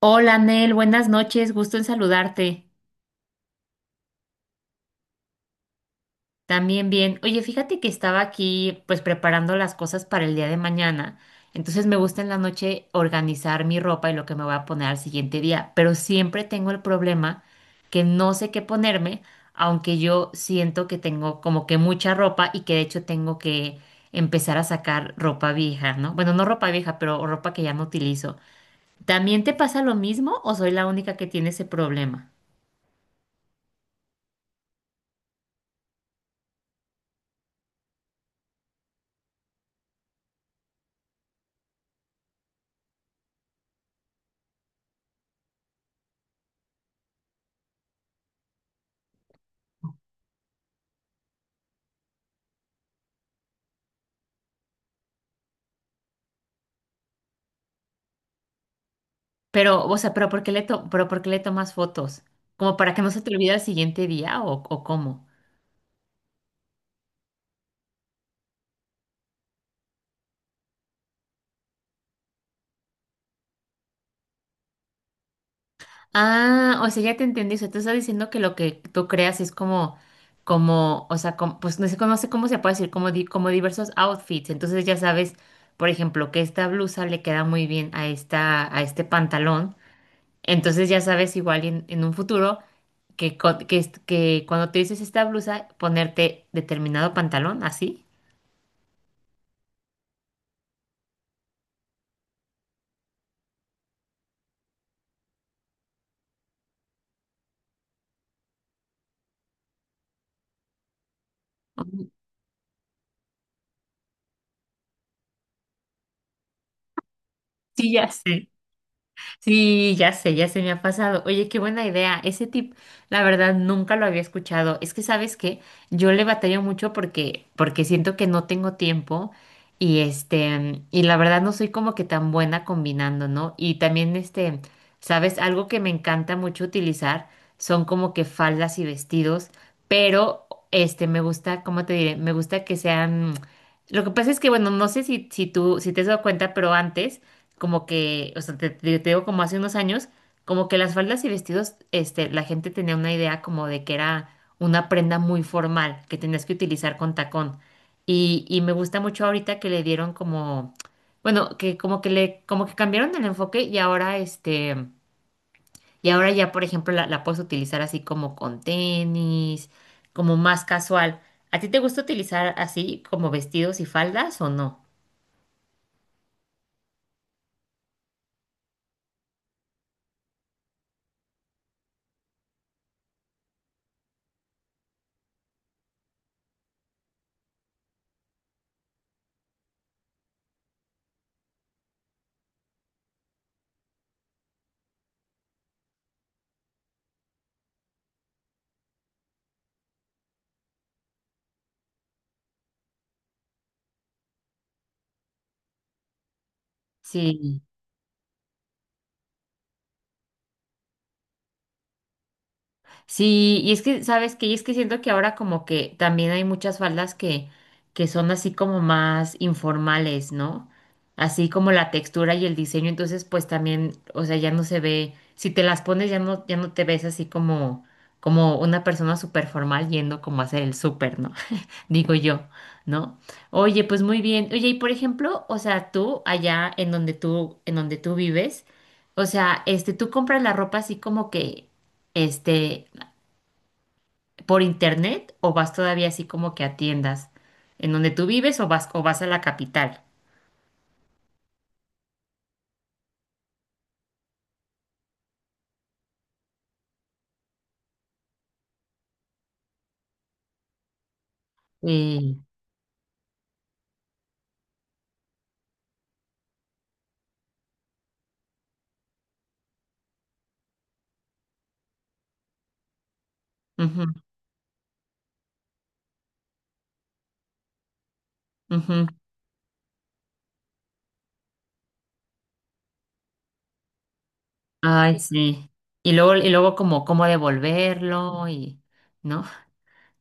Hola, Nel, buenas noches, gusto en saludarte. También bien. Oye, fíjate que estaba aquí pues preparando las cosas para el día de mañana. Entonces me gusta en la noche organizar mi ropa y lo que me voy a poner al siguiente día, pero siempre tengo el problema que no sé qué ponerme, aunque yo siento que tengo como que mucha ropa y que de hecho tengo que empezar a sacar ropa vieja, ¿no? Bueno, no ropa vieja, pero ropa que ya no utilizo. ¿También te pasa lo mismo o soy la única que tiene ese problema? Pero, o sea, pero ¿por qué le to- pero ¿por qué le tomas fotos? ¿Como para que no se te olvide al siguiente día o cómo? Ah, o sea, ya te entendí. O sea, tú estás diciendo que lo que tú creas es como, como, o sea, pues no sé, no sé cómo se puede decir, como, como diversos outfits. Entonces ya sabes, por ejemplo, que esta blusa le queda muy bien a esta, a este pantalón. Entonces ya sabes igual en un futuro que, que, que cuando te dices esta blusa, ponerte determinado pantalón, así. Sí, ya sé. Sí, ya sé, ya se me ha pasado. Oye, qué buena idea. Ese tip, la verdad, nunca lo había escuchado. Es que, ¿sabes qué? Yo le batallo mucho porque, porque siento que no tengo tiempo y este, y la verdad no soy como que tan buena combinando, ¿no? Y también este, ¿sabes? Algo que me encanta mucho utilizar son como que faldas y vestidos, pero este, me gusta, ¿cómo te diré? Me gusta que sean… Lo que pasa es que, bueno, no sé si, si tú, si te has dado cuenta, pero antes como que, o sea, te, te digo como hace unos años, como que las faldas y vestidos, este, la gente tenía una idea como de que era una prenda muy formal, que tenías que utilizar con tacón. Y me gusta mucho ahorita que le dieron como, bueno, que como que le, como que cambiaron el enfoque y ahora este, y ahora ya, por ejemplo, la puedes utilizar así como con tenis, como más casual. ¿A ti te gusta utilizar así como vestidos y faldas o no? Sí. Sí, y es que, ¿sabes qué? Y es que siento que ahora como que también hay muchas faldas que son así como más informales, ¿no? Así como la textura y el diseño, entonces pues también, o sea, ya no se ve, si te las pones ya no, ya no te ves así como, como una persona súper formal yendo como a hacer el súper, ¿no? Digo yo, ¿no? Oye, pues muy bien. Oye, y por ejemplo, o sea, tú allá en donde tú vives, o sea, este, tú compras la ropa así como que, este, por internet o vas todavía así como que a tiendas en donde tú vives o vas a la capital? Sí. Ujú, ujú. Ay, sí. Y luego como cómo devolverlo y, ¿no?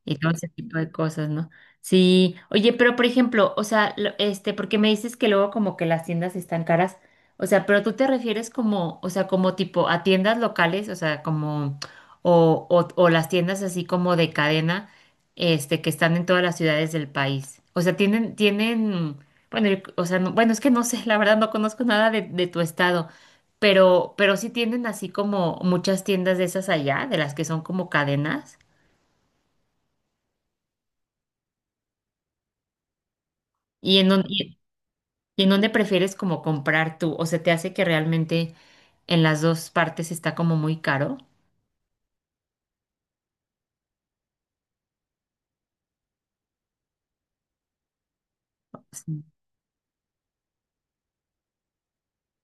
Y todo ese tipo de cosas, ¿no? Sí, oye, pero por ejemplo, o sea, este, porque me dices que luego como que las tiendas están caras, o sea, pero tú te refieres como, o sea, como tipo a tiendas locales, o sea, como, o las tiendas así como de cadena, este, que están en todas las ciudades del país. O sea, tienen, tienen, bueno, o sea, bueno, es que no sé, la verdad no conozco nada de, de tu estado. Pero sí tienen así como muchas tiendas de esas allá, de las que son como cadenas. Y en donde, ¿y en dónde prefieres como comprar tú? ¿O se te hace que realmente en las dos partes está como muy caro? Sí.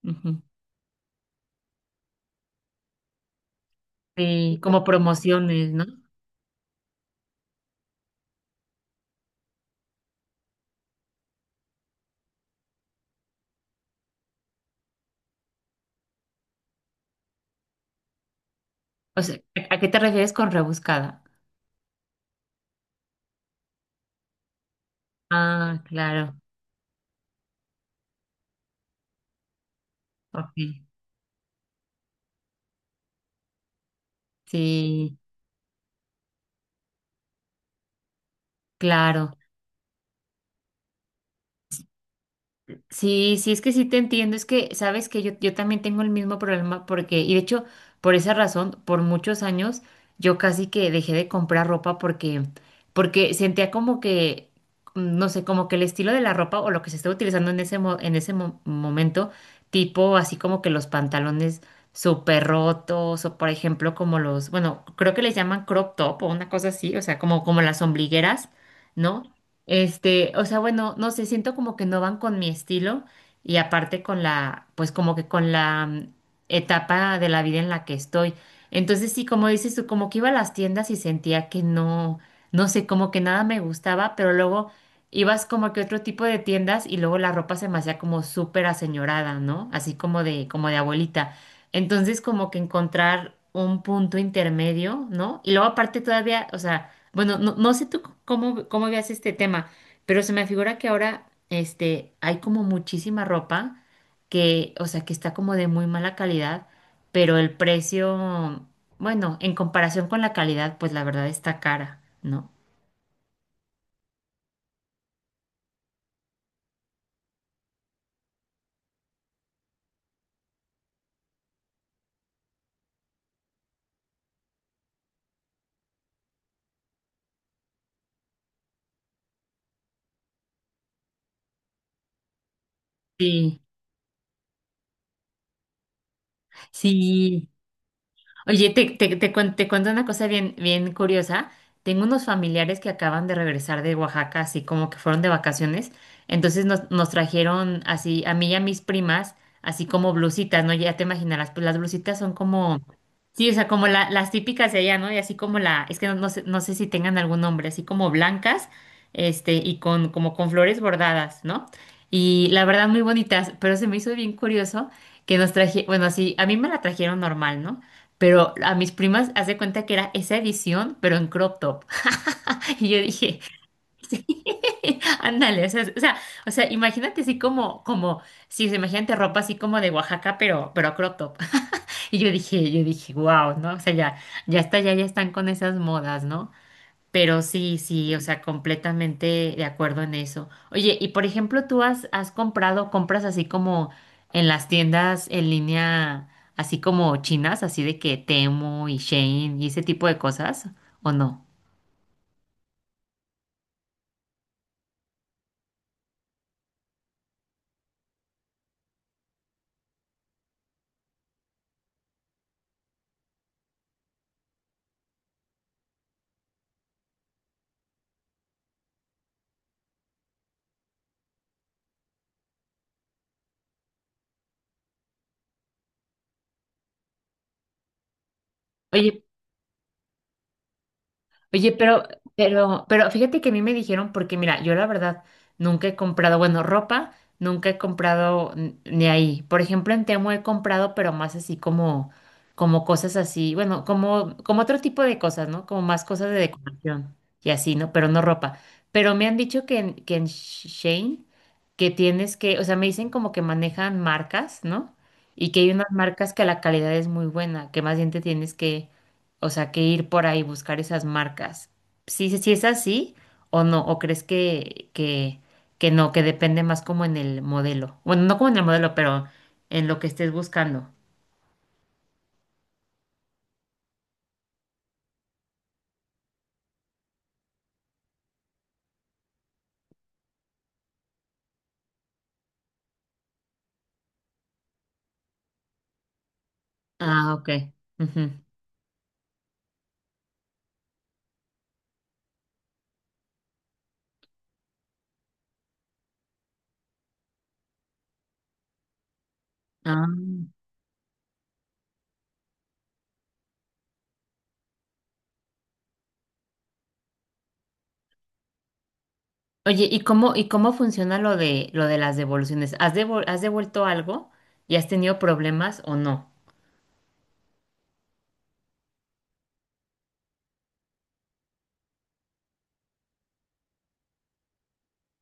Ujú. Sí, como promociones, ¿no? O sea, ¿a qué te refieres con rebuscada? Ah, claro, ok. Sí, claro. Sí, sí, es que sí te entiendo, es que sabes que yo también tengo el mismo problema porque, y de hecho, por esa razón, por muchos años, yo casi que dejé de comprar ropa porque, porque sentía como que, mm, no sé, como que el estilo de la ropa o lo que se estaba utilizando en ese, en ese momento, tipo así como que los pantalones súper rotos o por ejemplo como los, bueno, creo que les llaman crop top o una cosa así, o sea, como, como las ombligueras, ¿no? Este, o sea, bueno, no sé, siento como que no van con mi estilo y aparte con la, pues como que con la mm, etapa de la vida en la que estoy. Entonces sí, como dices tú, como que iba a las tiendas y sentía que no, no sé, como que nada me gustaba, pero luego ibas como que a otro tipo de tiendas y luego la ropa se me hacía como súper aseñorada, ¿no? Así como de abuelita. Entonces, como que encontrar un punto intermedio, ¿no? Y luego aparte todavía, o sea, bueno, no, no sé tú cómo, cómo veas este tema, pero se me figura que ahora, este, hay como muchísima ropa que, o sea, que está como de muy mala calidad, pero el precio, bueno, en comparación con la calidad, pues la verdad está cara, ¿no? Sí, sí. Oye, te cuento una cosa bien, bien curiosa. Tengo unos familiares que acaban de regresar de Oaxaca, así como que fueron de vacaciones. Entonces nos, nos trajeron así, a mí y a mis primas, así como blusitas, ¿no? Ya te imaginarás, pues las blusitas son como, sí, o sea, como las típicas de allá, ¿no? Y así como la, es que no, no sé, no sé si tengan algún nombre, así como blancas, este, y con, como con flores bordadas, ¿no? Y la verdad, muy bonitas, pero se me hizo bien curioso que nos traje, bueno, así, a mí me la trajeron normal, ¿no? Pero a mis primas, haz de cuenta que era esa edición, pero en crop top. Y yo dije, sí, ándale, o sea, o sea, o sea, imagínate así como, como, sí, o sea, imagínate ropa así como de Oaxaca, pero crop top. Y yo dije, wow, ¿no? O sea, ya, ya está, ya, ya están con esas modas, ¿no? Pero sí, sí, o sea, completamente de acuerdo en eso. Oye, y por ejemplo, ¿tú has, has comprado, compras así como en las tiendas en línea, así como chinas, así de que Temu y Shein y ese tipo de cosas, o no? Oye, Oye, pero fíjate que a mí me dijeron, porque mira, yo la verdad nunca he comprado, bueno, ropa, nunca he comprado ni ahí. Por ejemplo, en Temu he comprado, pero más así como, como cosas así, bueno, como, como otro tipo de cosas, ¿no? Como más cosas de decoración y así, ¿no? Pero no ropa. Pero me han dicho que en Shein, que tienes que, o sea, me dicen como que manejan marcas, ¿no? Y que hay unas marcas que la calidad es muy buena, que más bien te tienes que o sea, que ir por ahí, buscar esas marcas. Sí, sí, sí es así o no, o crees que no, que depende más como en el modelo. Bueno, no como en el modelo, pero en lo que estés buscando. Ah, ok. Ujú. Ah. Oye, y cómo funciona lo de las devoluciones? Has devuelto algo y has tenido problemas o no?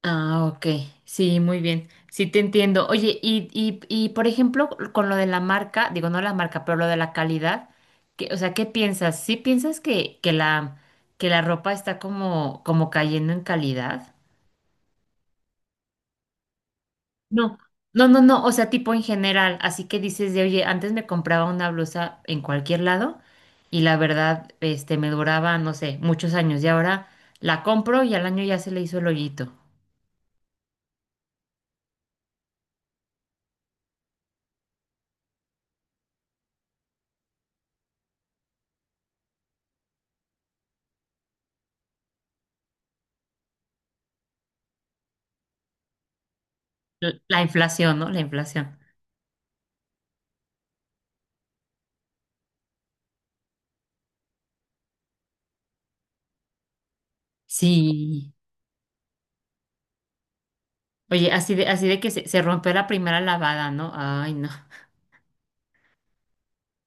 Ah, ok. Sí, muy bien. Sí, te entiendo. Oye, y por ejemplo, con lo de la marca, digo, no la marca, pero lo de la calidad, o sea, ¿qué piensas? ¿Sí piensas que la ropa está como, como cayendo en calidad? No, no, no, no, o sea, tipo en general, así que dices de, oye, antes me compraba una blusa en cualquier lado y la verdad, este, me duraba, no sé, muchos años y ahora la compro y al año ya se le hizo el hoyito. La inflación, ¿no? La inflación. Sí. Oye, así de que se rompió la primera lavada, ¿no? Ay, no.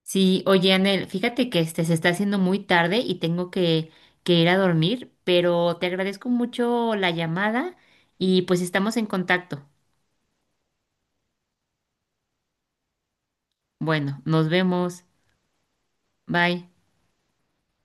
Sí, oye, Anel, fíjate que este se está haciendo muy tarde y tengo que ir a dormir, pero te agradezco mucho la llamada y pues estamos en contacto. Bueno, nos vemos. Bye.